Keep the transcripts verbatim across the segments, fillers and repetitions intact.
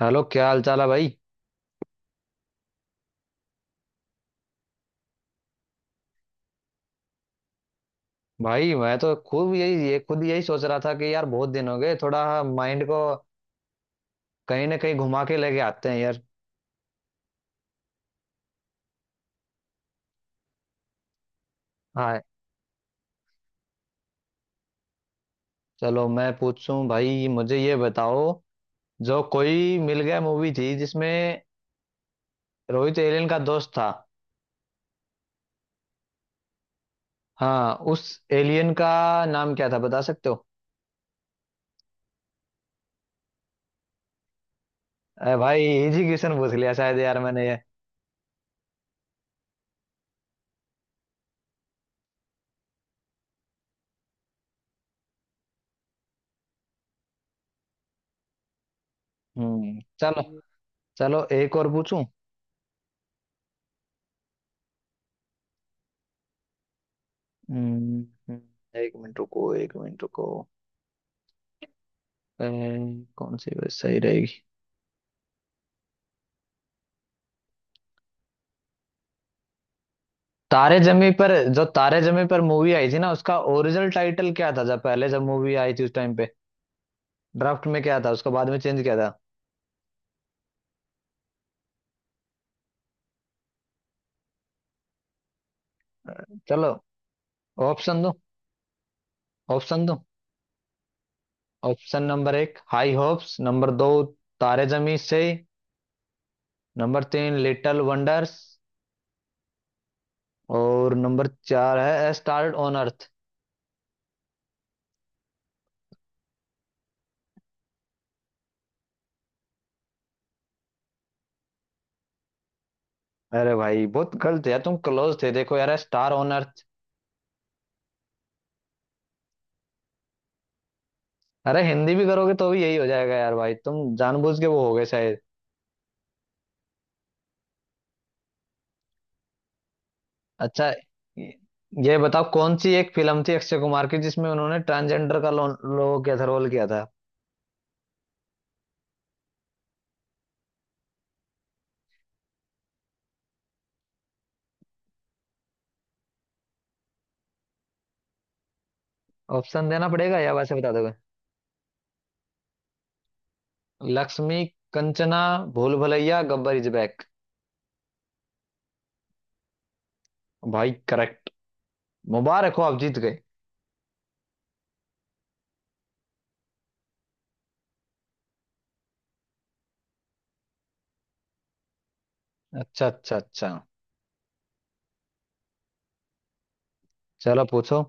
Hello क्या हाल चाल है भाई। भाई मैं तो खूब यही ये खुद यही सोच रहा था कि यार बहुत दिन हो गए, थोड़ा माइंड को कहीं ना कहीं घुमा के लेके आते हैं यार। हाँ, चलो मैं पूछूं। भाई मुझे ये बताओ, जो कोई मिल गया मूवी थी जिसमें रोहित एलियन का दोस्त था। हाँ, उस एलियन का नाम क्या था बता सकते हो? अरे भाई इजी क्वेश्चन पूछ लिया शायद यार मैंने ये। हम्म, चलो। चलो एक और पूछूं। हम्म। हम्म, एक मिनट रुको, एक मिनट रुको अह, कौन सी बस सही रहेगी? तारे जमी पर, जो तारे जमी पर मूवी आई थी ना, उसका ओरिजिनल टाइटल क्या था जब पहले जब मूवी आई थी उस टाइम पे? ड्राफ्ट में क्या था, उसको बाद में चेंज किया था। चलो ऑप्शन दो। ऑप्शन दो। ऑप्शन नंबर एक हाई होप्स, नंबर दो तारे जमी से, नंबर तीन लिटिल वंडर्स, और नंबर चार है स्टार ऑन अर्थ। अरे भाई बहुत गलत है यार, तुम क्लोज थे देखो यार, स्टार ऑन अर्थ। अरे हिंदी भी करोगे तो भी यही हो जाएगा यार, भाई तुम जानबूझ के वो हो गए शायद। अच्छा, ये ये बताओ कौन सी एक फिल्म थी अक्षय कुमार की जिसमें उन्होंने ट्रांसजेंडर का लो, लो किया था रोल किया था? ऑप्शन देना पड़ेगा या वैसे बता दोगे? Laxmi, Kanchana, Bhool Bhulaiyaa, Gabbar is back. भाई करेक्ट, मुबारक हो आप जीत गए। अच्छा अच्छा अच्छा। चलो पूछो।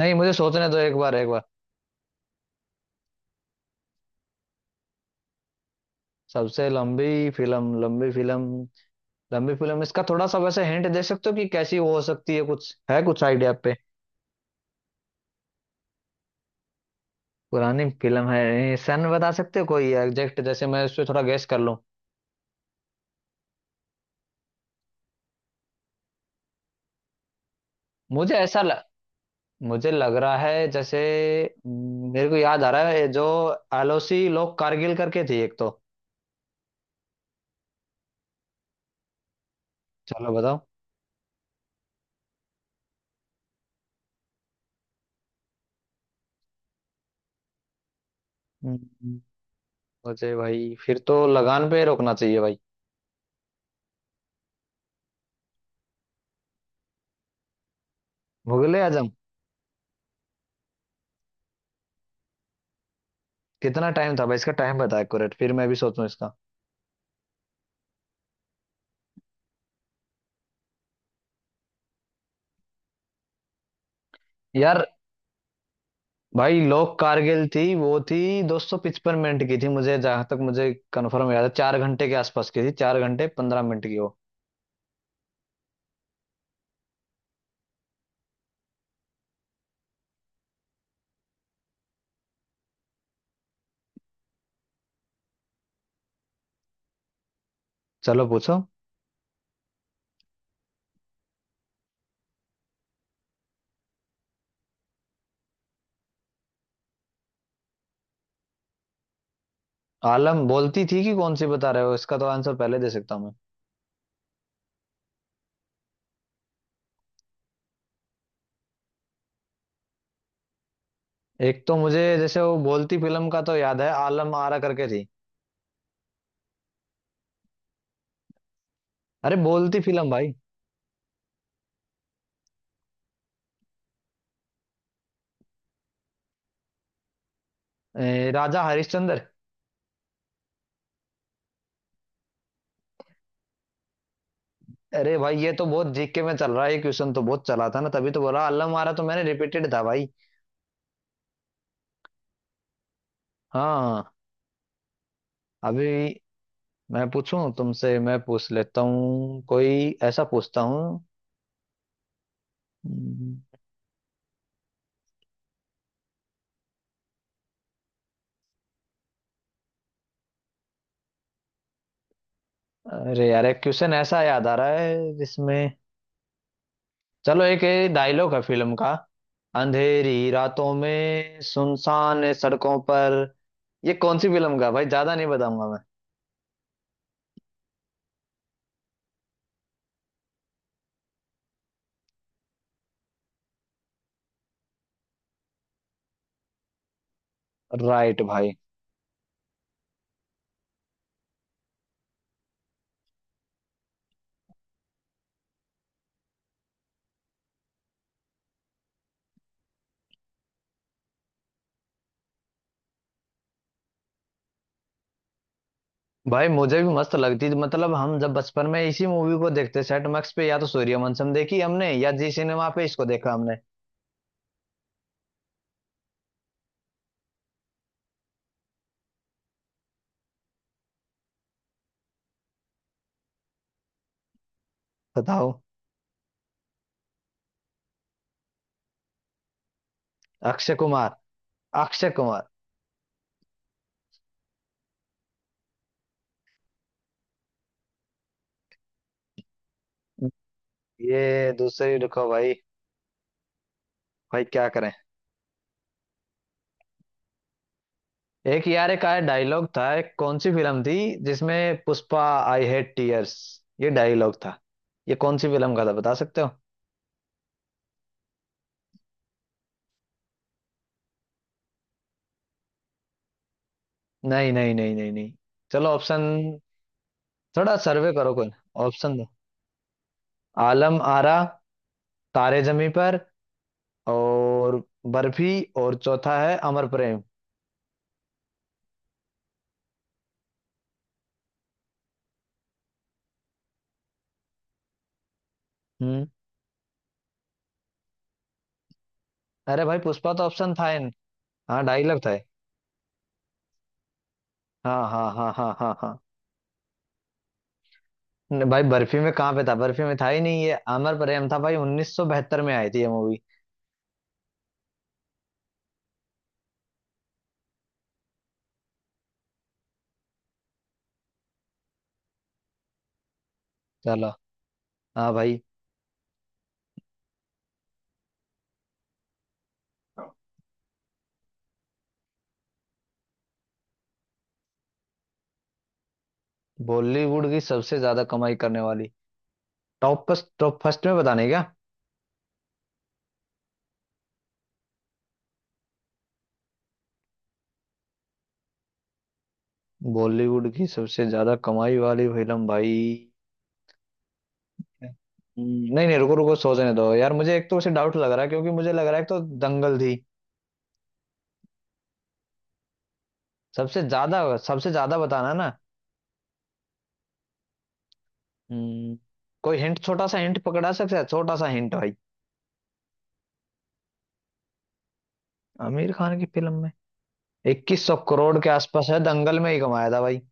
नहीं मुझे सोचने दो, एक बार एक बार सबसे लंबी फिल्म, लंबी फिल्म लंबी फिल्म इसका थोड़ा सा वैसे हिंट दे सकते हो कि कैसी वो हो सकती है, कुछ है कुछ आइडिया आप पे? पुरानी फिल्म है, सन बता सकते हो कोई एग्जैक्ट, जैसे मैं उससे थोड़ा गेस कर लूं? मुझे ऐसा ल, मुझे लग रहा है जैसे, हम्म, मेरे को याद आ रहा है जो एलओसी लोग कारगिल करके थी एक तो। चलो बताओ। हम्म, मुझे भाई फिर तो लगान पे रोकना चाहिए भाई। मुगले आजम? कितना टाइम था भाई, इसका टाइम बता एक्यूरेट फिर मैं भी सोचूं इसका। यार भाई लोग कारगिल थी वो थी दो सौ पचपन मिनट की थी, मुझे जहां तक मुझे कंफर्म याद है चार घंटे के आसपास की थी, चार घंटे पंद्रह मिनट की वो। चलो पूछो। आलम बोलती थी कि कौन सी बता रहे हो, इसका तो आंसर पहले दे सकता हूँ मैं। एक तो मुझे जैसे वो बोलती फिल्म का तो याद है, आलम आरा करके थी। अरे बोलती फिल्म भाई। ए, राजा हरिश्चंद्र। अरे भाई ये तो बहुत जीके में चल रहा है, ये क्वेश्चन तो बहुत चला था ना, तभी तो बोला आलम आरा, तो मैंने रिपीटेड था भाई। हाँ। अभी मैं पूछूं तुमसे मैं पूछ लेता हूँ कोई ऐसा पूछता हूँ। हम्म, अरे यार एक क्वेश्चन ऐसा याद आ रहा है जिसमें, चलो एक डायलॉग है फिल्म का: अंधेरी रातों में सुनसान सड़कों पर। ये कौन सी फिल्म का है भाई, ज्यादा नहीं बताऊंगा मैं। राइट भाई। भाई मुझे भी मस्त लगती थी, मतलब हम जब बचपन में इसी मूवी को देखते सेट मैक्स पे, या तो सूर्यवंशम देखी हमने या जी सिनेमा पे इसको देखा हमने। बताओ। अक्षय कुमार, अक्षय कुमार। ये दूसरी, रुको भाई। भाई क्या करें। एक यार, एक आया डायलॉग था एक, कौन सी फिल्म थी जिसमें पुष्पा, आई हेट टीयर्स, ये डायलॉग था, ये कौन सी फिल्म का था बता सकते हो? नहीं नहीं नहीं नहीं नहीं। चलो ऑप्शन, थोड़ा सर्वे करो कोई। ऑप्शन दो: आलम आरा, तारे जमी पर, और बर्फी, और चौथा है अमर प्रेम। हम्म। अरे भाई पुष्पा तो ऑप्शन था इन। हाँ डायलॉग था ये। हाँ हाँ हाँ हाँ हाँ हाँ। नहीं भाई बर्फी में कहाँ पे था, बर्फी में था ही नहीं, ये अमर प्रेम था भाई, उन्नीस सौ बहत्तर में आई थी ये मूवी। चलो। हाँ भाई। बॉलीवुड की सबसे ज्यादा कमाई करने वाली टॉप फर्स्ट, टॉप फर्स्ट में बताने क्या? बॉलीवुड की सबसे ज्यादा कमाई वाली फिल्म भाई। हम्म, नहीं नहीं, रुको रुको, सोचने दो यार मुझे, एक तो उसे डाउट लग रहा है क्योंकि मुझे लग रहा है एक तो दंगल थी सबसे ज्यादा। सबसे ज्यादा बताना ना? हम्म, कोई हिंट, छोटा सा हिंट पकड़ा सकता है, छोटा सा हिंट भाई? आमिर खान की फिल्म में? इक्कीस सौ करोड़ के आसपास है, दंगल में ही कमाया था भाई।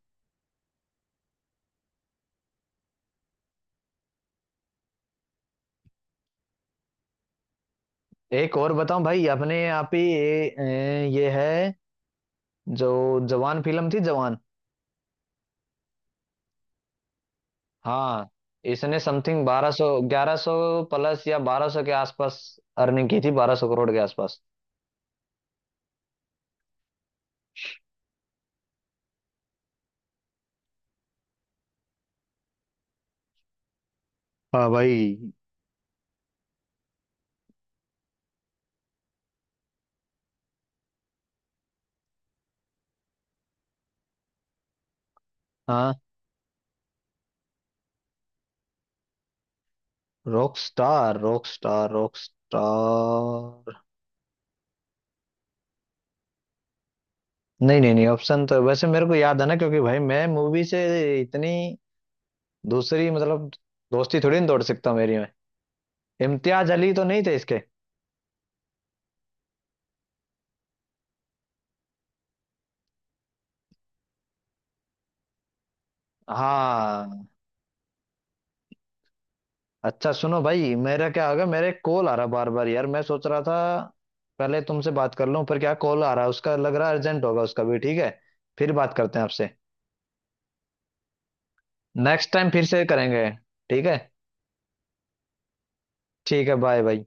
एक और बताऊं भाई अपने आप ही, ये, ये है जो जवान फिल्म थी, जवान। हाँ, इसने समथिंग बारह सौ, ग्यारह सौ प्लस, या बारह सौ के आसपास अर्निंग की थी, बारह सौ करोड़ के आसपास। हाँ भाई। हाँ, rock star rock star rock star नहीं नहीं नहीं, ऑप्शन तो वैसे मेरे को याद है ना, क्योंकि भाई मैं मूवी से इतनी दूसरी मतलब दोस्ती थोड़ी ना तोड़ सकता हूँ मेरी में। इम्तियाज अली तो नहीं थे इसके? हाँ। अच्छा सुनो भाई, मेरा क्या होगा, मेरे कॉल आ रहा बार बार यार, मैं सोच रहा था पहले तुमसे बात कर लूं, पर क्या कॉल आ रहा है उसका, लग रहा है अर्जेंट होगा उसका भी। ठीक है, फिर बात करते हैं आपसे, नेक्स्ट टाइम फिर से करेंगे। ठीक है। ठीक है, बाय बाय।